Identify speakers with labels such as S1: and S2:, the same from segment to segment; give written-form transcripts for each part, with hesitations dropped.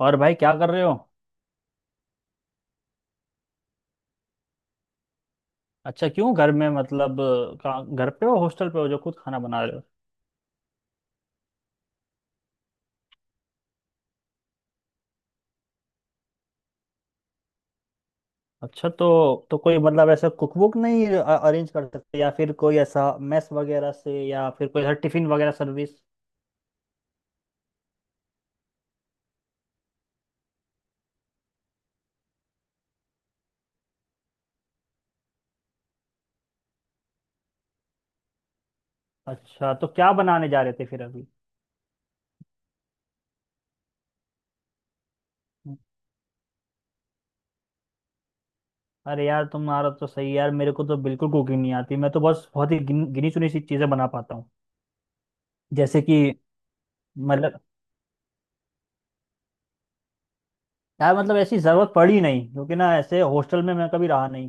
S1: और भाई क्या कर रहे हो। अच्छा क्यों घर में मतलब घर पे हो हॉस्टल पे हो जो खुद खाना बना रहे हो। अच्छा तो कोई मतलब ऐसा कुक बुक नहीं अरेंज कर सकते या फिर कोई ऐसा मेस वगैरह से या फिर कोई ऐसा टिफिन वगैरह सर्विस। अच्छा तो क्या बनाने जा रहे थे फिर अभी। अरे यार तुम्हारा तो सही है यार, मेरे को तो बिल्कुल कुकिंग नहीं आती। मैं तो बस बहुत ही गिनी चुनी सी चीजें बना पाता हूँ, जैसे कि मतलब। यार मतलब ऐसी जरूरत पड़ी नहीं, क्योंकि ना ऐसे हॉस्टल में मैं कभी रहा नहीं।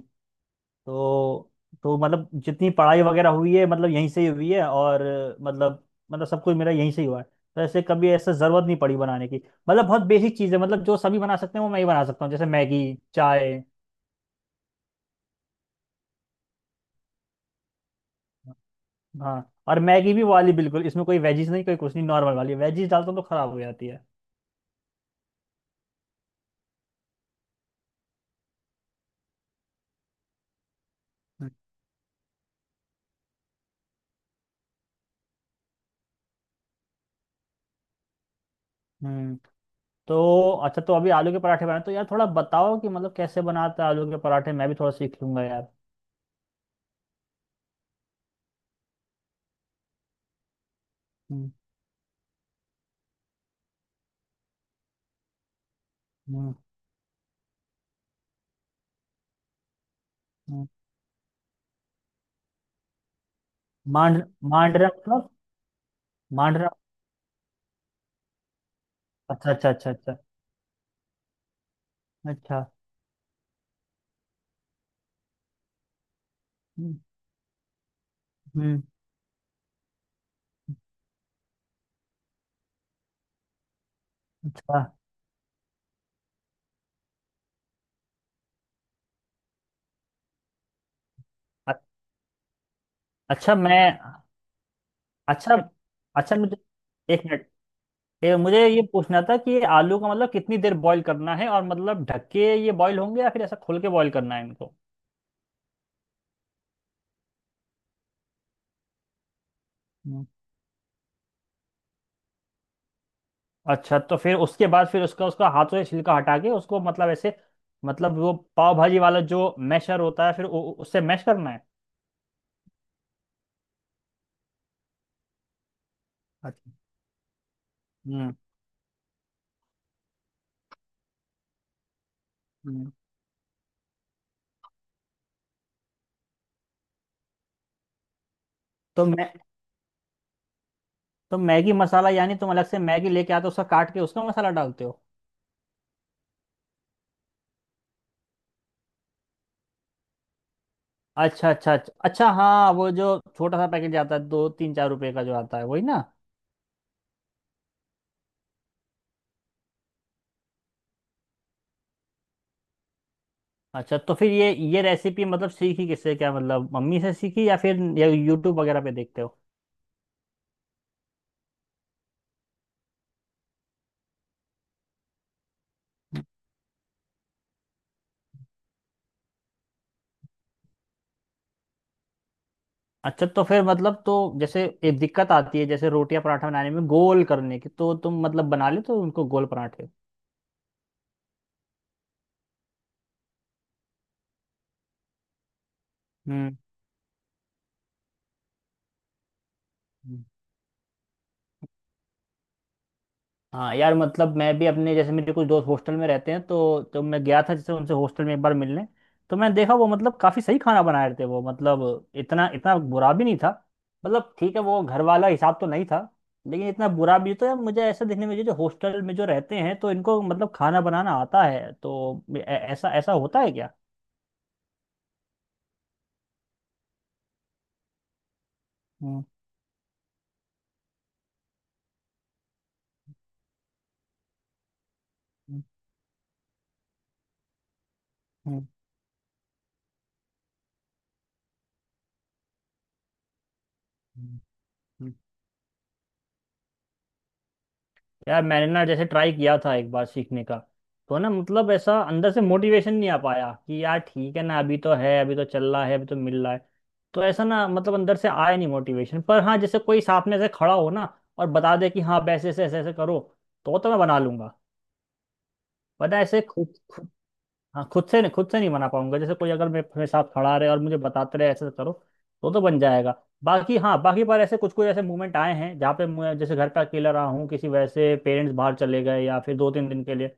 S1: तो तो मतलब जितनी पढ़ाई वगैरह हुई है मतलब यहीं से ही हुई है और मतलब मतलब सब कुछ मेरा यहीं से ही हुआ है। तो ऐसे कभी ऐसा जरूरत नहीं पड़ी बनाने की। मतलब बहुत बेसिक चीज़ है, मतलब जो सभी बना सकते हैं वो मैं ही बना सकता हूँ, जैसे मैगी, चाय। हाँ, और मैगी भी वो वाली बिल्कुल, इसमें कोई वेजीज नहीं कोई कुछ नहीं, नॉर्मल वाली वेजीज डालता हूँ तो खराब हो जाती है। हम्म। तो अच्छा, तो अभी आलू के पराठे बनाए तो यार थोड़ा बताओ कि मतलब कैसे बनाते हैं आलू के पराठे, मैं भी थोड़ा सीख लूंगा यार। हम्म। हम्म। मांड, मांडरा मतलब। मांडरा। अच्छा अच्छा अच्छा अच्छा। अच्छा। हम्म। हम्म, अच्छा। अ- अच्छा मैं। अच्छा अच्छा मुझे एक मिनट। मुझे ये पूछना था कि ये आलू का मतलब कितनी देर बॉईल करना है और मतलब ढक के ये बॉईल होंगे या फिर ऐसा खोल के बॉईल करना है इनको। हम्म। अच्छा, तो फिर उसके बाद फिर उसका उसका हाथों से छिलका हटा के उसको मतलब ऐसे, मतलब वो पाव भाजी वाला जो मैशर होता है फिर उससे मैश करना है। अच्छा। हम्म। हम्म। तो मैं। तो मैगी मसाला यानी तुम अलग से मैगी लेके आते हो उसका, काट के उसका मसाला डालते हो? अच्छा अच्छा अच्छा अच्छा। हाँ वो जो छोटा सा पैकेट आता है दो तीन चार रुपए का जो आता है वही ना। अच्छा, तो फिर ये रेसिपी मतलब सीखी किससे, क्या मतलब मम्मी से सीखी या फिर या यूट्यूब वगैरह पे देखते हो? अच्छा तो फिर मतलब तो जैसे एक दिक्कत आती है जैसे रोटी या पराठा बनाने में गोल करने की, तो तुम मतलब बना लेते हो उनको गोल पराठे? हम्म। हाँ यार, मतलब मैं भी अपने जैसे मेरे कुछ दोस्त हॉस्टल में रहते हैं, तो जब मैं गया था जैसे उनसे हॉस्टल में एक बार मिलने, तो मैंने देखा वो मतलब काफ़ी सही खाना बना रहे थे। वो मतलब इतना इतना बुरा भी नहीं था, मतलब ठीक है वो घर वाला हिसाब तो नहीं था लेकिन इतना बुरा भी। तो यार मुझे ऐसा देखने में जो हॉस्टल में जो रहते हैं तो इनको मतलब खाना बनाना आता है, तो ऐसा ऐसा होता है क्या? हम्म। हम्म, हम्म, हम्म। यार मैंने ना जैसे ट्राई किया था एक बार सीखने का, तो ना मतलब ऐसा अंदर से मोटिवेशन नहीं आ पाया कि यार ठीक है ना, अभी तो है अभी तो चल रहा है अभी तो मिल रहा है, तो ऐसा ना मतलब अंदर से आया नहीं मोटिवेशन। पर हाँ जैसे कोई साथ में ऐसे खड़ा हो ना और बता दे कि हाँ वैसे ऐसे ऐसे ऐसे करो, तो मैं बना लूंगा। वरना ऐसे खुद, हाँ खुद से नहीं, खुद से नहीं बना पाऊंगा। जैसे कोई अगर मेरे मेरे साथ खड़ा रहे और मुझे बताते रहे ऐसे करो, तो बन जाएगा। बाकी हाँ बाकी पर ऐसे कुछ कुछ ऐसे मूवमेंट आए हैं जहाँ पे मैं जैसे घर पे अकेला रहा हूँ, किसी वजह से पेरेंट्स बाहर चले गए या फिर दो तीन दिन के लिए,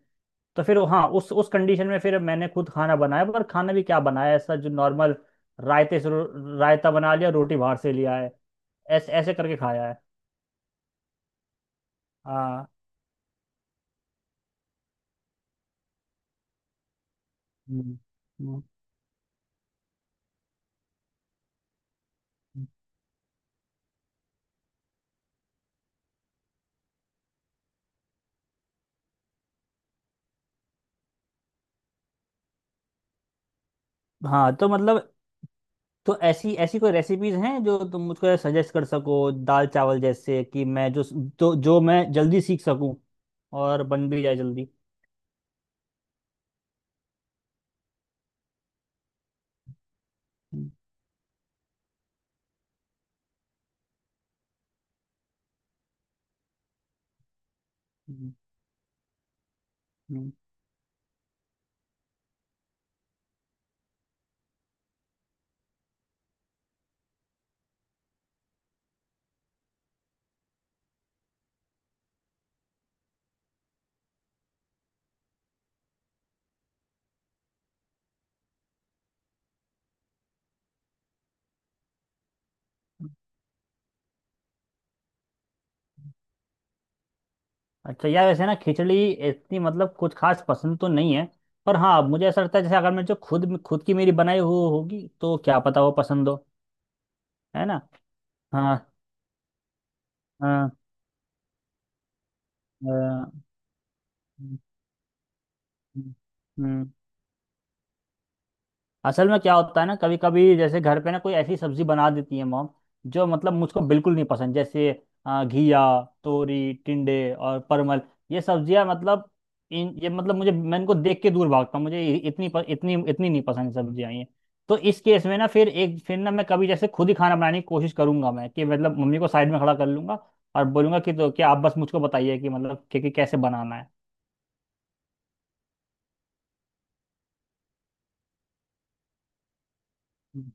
S1: तो फिर हाँ उस कंडीशन में फिर मैंने खुद खाना बनाया। पर खाना भी क्या बनाया, ऐसा जो नॉर्मल रायते से रायता बना लिया, रोटी बाहर से लिया है, ऐसे ऐसे करके खाया है। हाँ। हम्म, हम्म। हम्म। हाँ तो मतलब तो ऐसी ऐसी कोई रेसिपीज हैं जो तुम मुझको सजेस्ट कर सको, दाल चावल जैसे कि मैं जो, तो जो मैं जल्दी सीख सकूं और बन भी जाए जल्दी। हम्म, हम्म, हम्म। अच्छा यार, वैसे ना खिचड़ी इतनी मतलब कुछ खास पसंद तो नहीं है, पर हाँ मुझे ऐसा लगता है जैसे अगर मैं जो खुद खुद की मेरी बनाई हुई होगी तो क्या पता वो पसंद हो, है ना? हाँ। हाँ। हाँ, हम्म, हम्म। असल में क्या होता है ना, कभी कभी जैसे घर पे ना कोई ऐसी सब्जी बना देती है मॉम, जो मतलब मुझको बिल्कुल नहीं पसंद, जैसे घिया, तोरी, टिंडे और परमल, ये सब्जियां मतलब, इन ये मतलब मुझे, मैं इनको देख के दूर भागता हूँ, मुझे इतनी इतनी नहीं पसंद सब्जियां ये। तो इस केस में ना फिर एक फिर ना मैं कभी जैसे खुद ही खाना बनाने की कोशिश करूंगा मैं, कि मतलब मम्मी को साइड में खड़ा कर लूंगा और बोलूंगा कि तो क्या आप बस मुझको बताइए कि मतलब कि कैसे बनाना है। हम्म।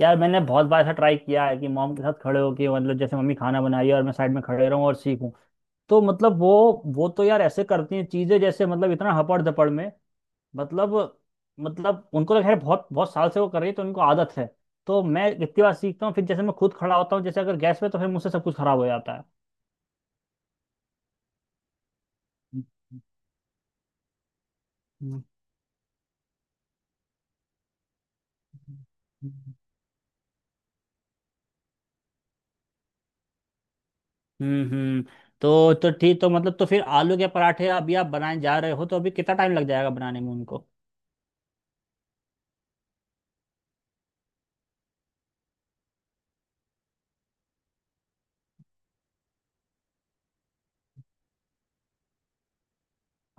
S1: यार मैंने बहुत बार ऐसा ट्राई किया है कि मॉम के साथ खड़े होके, मतलब जैसे मम्मी खाना बनाई है और मैं साइड में खड़े रहूं और सीखूं, तो मतलब वो तो यार ऐसे करती हैं चीजें जैसे मतलब इतना हपड़ धपड़ में, मतलब मतलब उनको तो खैर बहुत बहुत साल से वो कर रही है तो उनको आदत है। तो मैं इतनी बार सीखता हूँ, फिर जैसे मैं खुद खड़ा होता हूँ जैसे अगर गैस पे, तो फिर मुझसे सब कुछ खराब हो जाता है। हम्म। हम्म। तो ठीक, तो मतलब तो फिर आलू के पराठे अभी आप बनाने जा रहे हो तो अभी कितना टाइम लग जाएगा बनाने में उनको?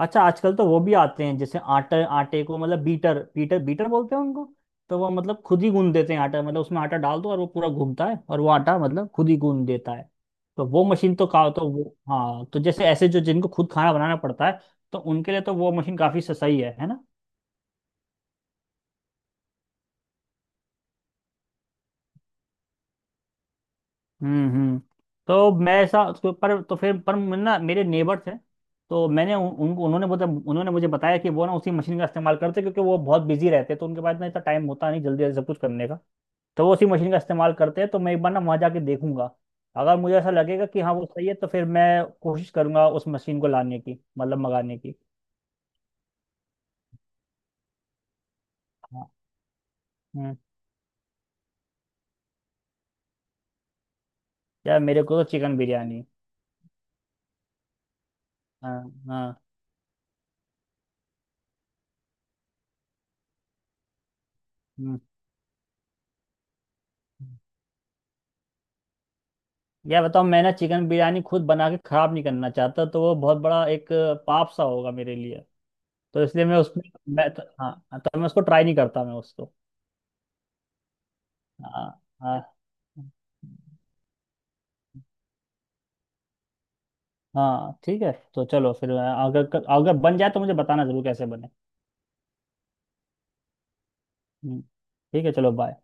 S1: अच्छा आजकल तो वो भी आते हैं जैसे आटे आटे को मतलब बीटर बीटर बीटर बोलते हैं उनको, तो वो मतलब खुद ही गूंद देते हैं आटा, मतलब उसमें आटा डाल दो और वो पूरा घूमता है और वो आटा मतलब खुद ही गूंद देता है। तो वो मशीन तो का तो वो, हाँ, तो जैसे ऐसे जो जिनको खुद खाना बनाना पड़ता है तो उनके लिए तो वो मशीन काफी सही है ना? हम्म। हम्म। तो मैं ऐसा उसको, पर तो फिर पर मैं ना मेरे नेबर थे, तो मैंने उन, उन उन्होंने मुझे बताया कि वो ना उसी मशीन का इस्तेमाल करते क्योंकि वो बहुत बिजी रहते, तो उनके पास ना इतना टाइम होता नहीं जल्दी जल्दी सब कुछ करने का, तो वो उसी मशीन का इस्तेमाल करते हैं। तो मैं एक बार ना वहाँ जाके देखूंगा, अगर मुझे ऐसा लगेगा कि हाँ वो सही है तो फिर मैं कोशिश करूंगा उस मशीन को लाने की मतलब मंगाने की। हाँ। हम्म। यार मेरे को तो चिकन बिरयानी। हाँ। हाँ। हम्म। यह बताओ, मैं ना चिकन बिरयानी खुद बना के खराब नहीं करना चाहता, तो वो बहुत बड़ा एक पाप सा होगा मेरे लिए। तो इसलिए मैं उसमें, हाँ हाँ, तो मैं उसको ट्राई नहीं करता, मैं उसको। हाँ। हाँ। हाँ ठीक है, तो चलो फिर अगर अगर बन जाए तो मुझे बताना जरूर कैसे बने। हम्म, ठीक है, चलो बाय।